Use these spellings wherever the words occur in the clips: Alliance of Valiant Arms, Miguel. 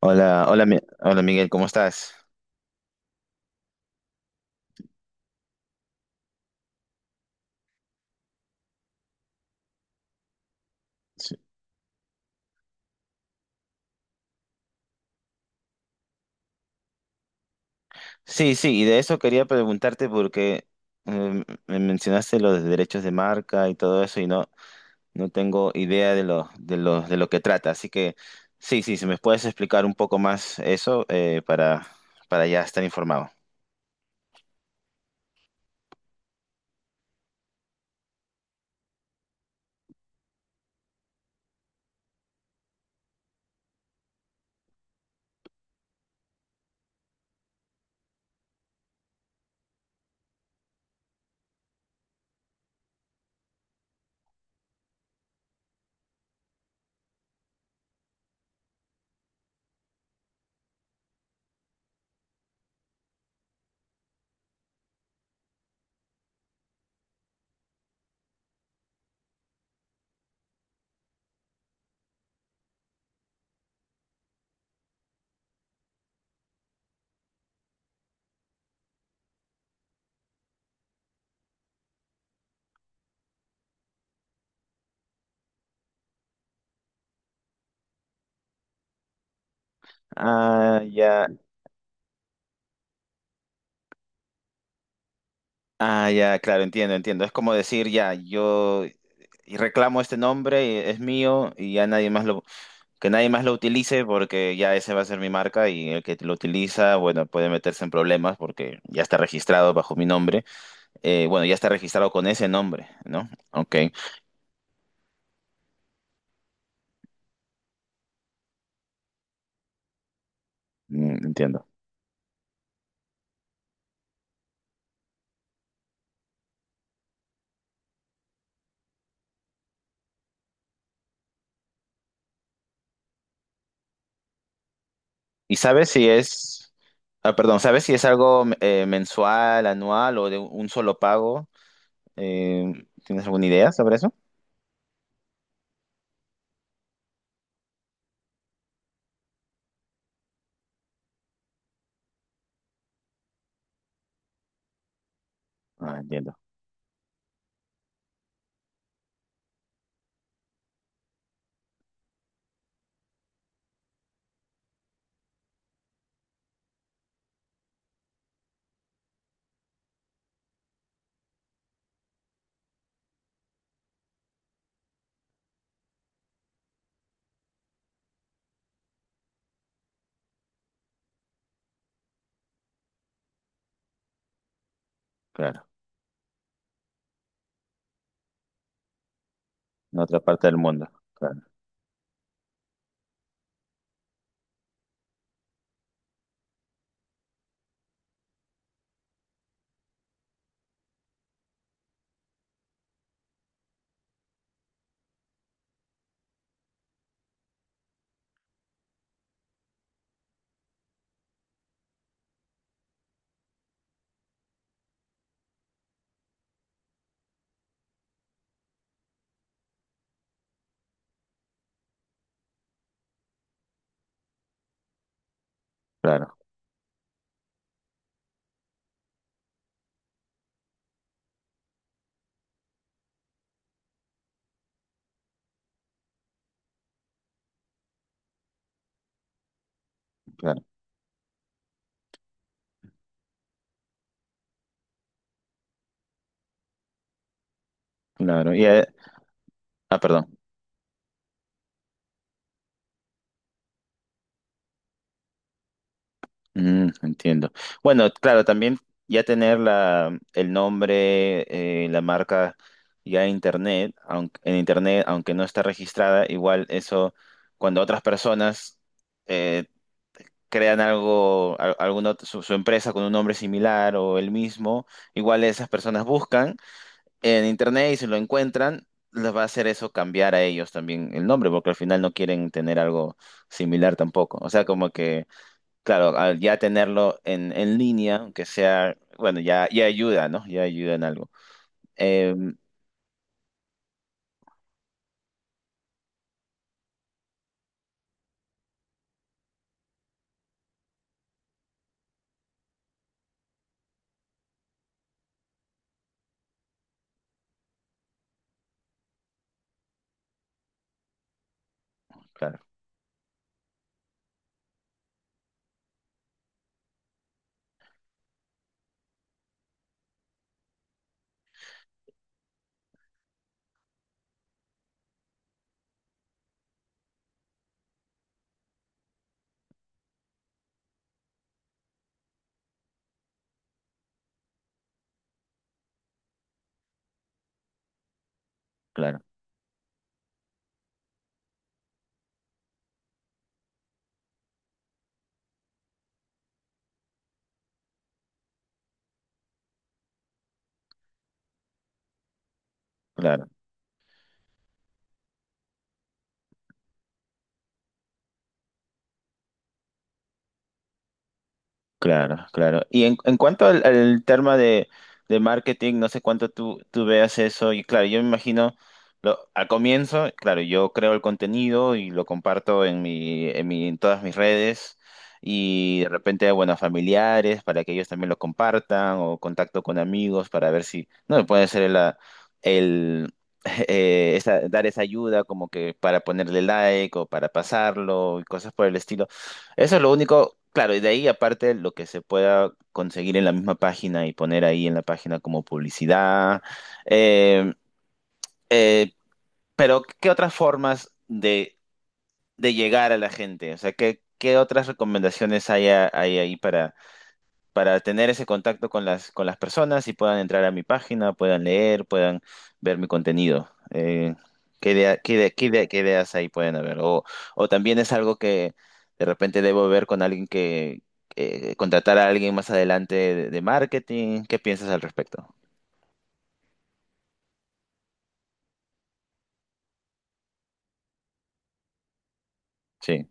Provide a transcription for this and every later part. Hola, hola, hola Miguel, ¿cómo estás? Sí, sí, sí, y de eso quería preguntarte porque me mencionaste los derechos de marca y todo eso y no, no tengo idea de lo que trata, así que sí, sí, si me puedes explicar un poco más eso, para ya estar informado. Ah, ya, ah, ya, claro, entiendo, entiendo. Es como decir, ya, yo reclamo este nombre, es mío y ya nadie más lo, que nadie más lo utilice, porque ya ese va a ser mi marca y el que lo utiliza, bueno, puede meterse en problemas porque ya está registrado bajo mi nombre. Bueno, ya está registrado con ese nombre, ¿no? Ok, mm, entiendo. ¿Y sabes si es, ah, perdón, sabes si es algo, mensual, anual o de un solo pago? Eh, ¿Tienes alguna idea sobre eso? Ah, entiendo, claro, en otra parte del mundo. Claro, claro, claro, claro. Y, ah, perdón. Mm, entiendo. Bueno, claro, también ya tener la, el nombre, la marca ya en internet, aunque no está registrada, igual eso, cuando otras personas eh, crean algo, alguna su, su empresa con un nombre similar o el mismo, igual esas personas buscan en internet y si lo encuentran, les va a hacer eso cambiar a ellos también el nombre, porque al final no quieren tener algo similar tampoco. O sea, como que claro, al ya tenerlo en línea, aunque sea, bueno, ya, ya ayuda, ¿no? Ya ayuda en algo. Em, claro, claro, claro. Claro, claro. Y en cuanto al, al tema de marketing, no sé cuánto tú, tú veas eso. Y claro, yo me imagino, lo, al comienzo, claro, yo creo el contenido y lo comparto en mi, en mi, en todas mis redes. Y de repente, bueno, a familiares para que ellos también lo compartan o contacto con amigos para ver si, no, puede ser la, el, dar esa ayuda como que para ponerle like o para pasarlo y cosas por el estilo. Eso es lo único, claro, y de ahí aparte lo que se pueda conseguir en la misma página y poner ahí en la página como publicidad. Eh, eh, pero, ¿qué otras formas de llegar a la gente? O sea, ¿qué, qué otras recomendaciones hay, a- hay ahí para tener ese contacto con las personas y puedan entrar a mi página, puedan leer, puedan ver mi contenido? ¿Qué ideas ahí pueden haber? O también es algo que de repente debo ver con alguien que, contratar a alguien más adelante de marketing. ¿Qué piensas al respecto? Sí,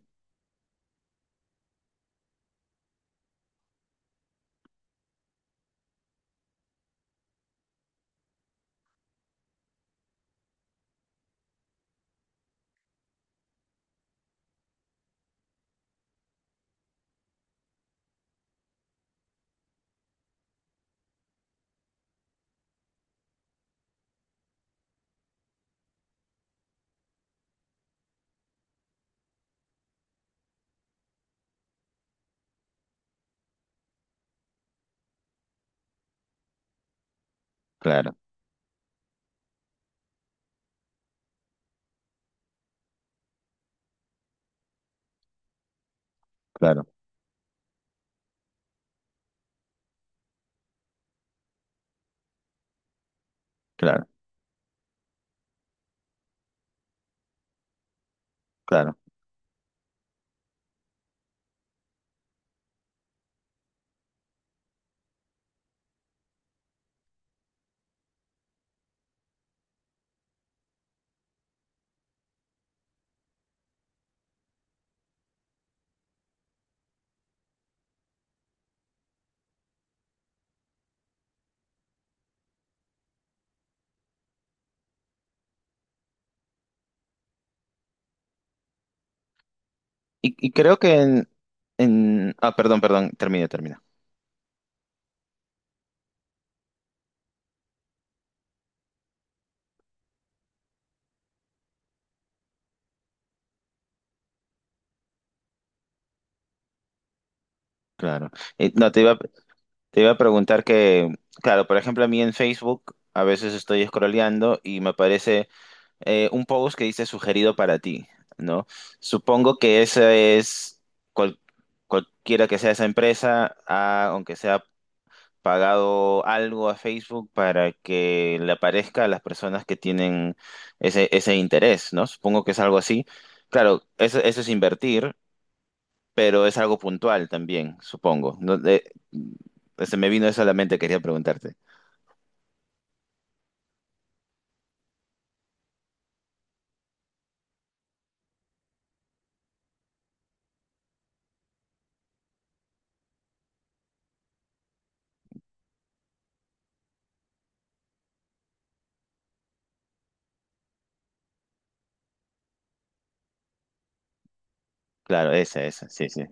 claro, claro, claro, claro. Y creo que en, ah, perdón, perdón, termina, termina. Claro. No, te iba, te iba a preguntar que, claro, por ejemplo, a mí en Facebook a veces estoy scrolleando y me aparece, un post que dice sugerido para ti, ¿no? Supongo que esa es cual- cualquiera que sea esa empresa, aunque sea pagado algo a Facebook para que le aparezca a las personas que tienen ese, ese interés, ¿no? Supongo que es algo así. Claro, eso es invertir, pero es algo puntual también, supongo. No, se me vino eso a la mente, quería preguntarte. Claro, esa, sí, sí.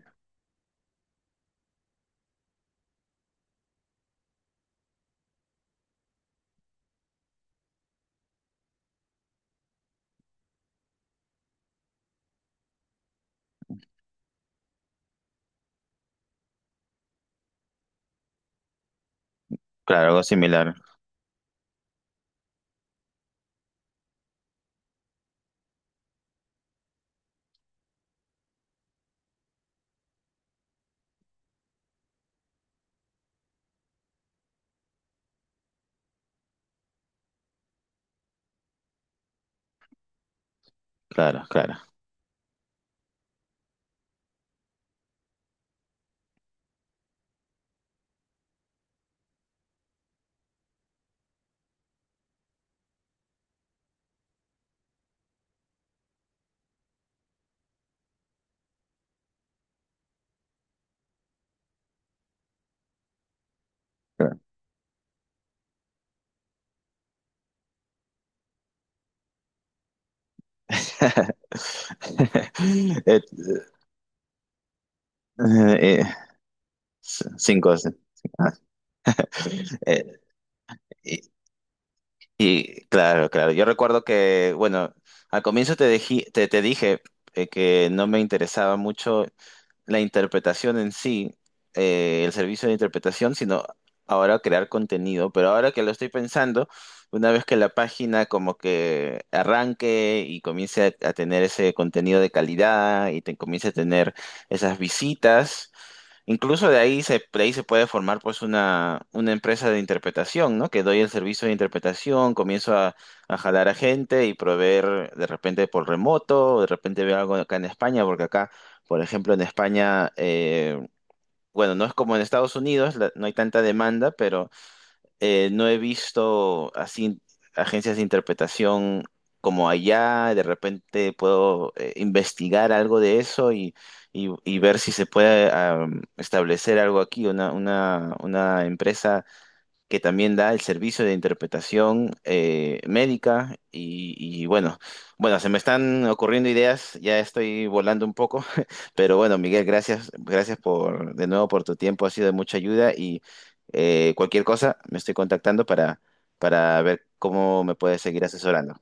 Claro, algo similar. Claro, claro, claro. Eh, eh, c- cinco. Sí. Eh, y, y, claro, claro. Yo recuerdo que, bueno, al comienzo te, te, te dije, que no me interesaba mucho la interpretación en sí, el servicio de interpretación, sino ahora crear contenido. Pero ahora que lo estoy pensando, una vez que la página como que arranque y comience a tener ese contenido de calidad y te, comience a tener esas visitas, incluso de ahí se puede formar pues una empresa de interpretación, ¿no? Que doy el servicio de interpretación, comienzo a jalar a gente y proveer de repente por remoto, o de repente veo algo acá en España, porque acá, por ejemplo, en España, bueno, no es como en Estados Unidos, la- no hay tanta demanda, pero, no he visto así agencias de interpretación como allá, de repente puedo, investigar algo de eso y, y ver si se puede, am, establecer algo aquí, una empresa que también da el servicio de interpretación, médica y bueno, bueno, se me están ocurriendo ideas, ya estoy volando un poco, pero bueno, Miguel, gracias, gracias por de nuevo por tu tiempo, ha sido de mucha ayuda y, cualquier cosa me estoy contactando para ver cómo me puedes seguir asesorando.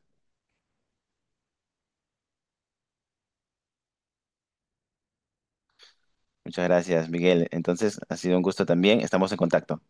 Muchas gracias, Miguel. Entonces, ha sido un gusto también, estamos en contacto.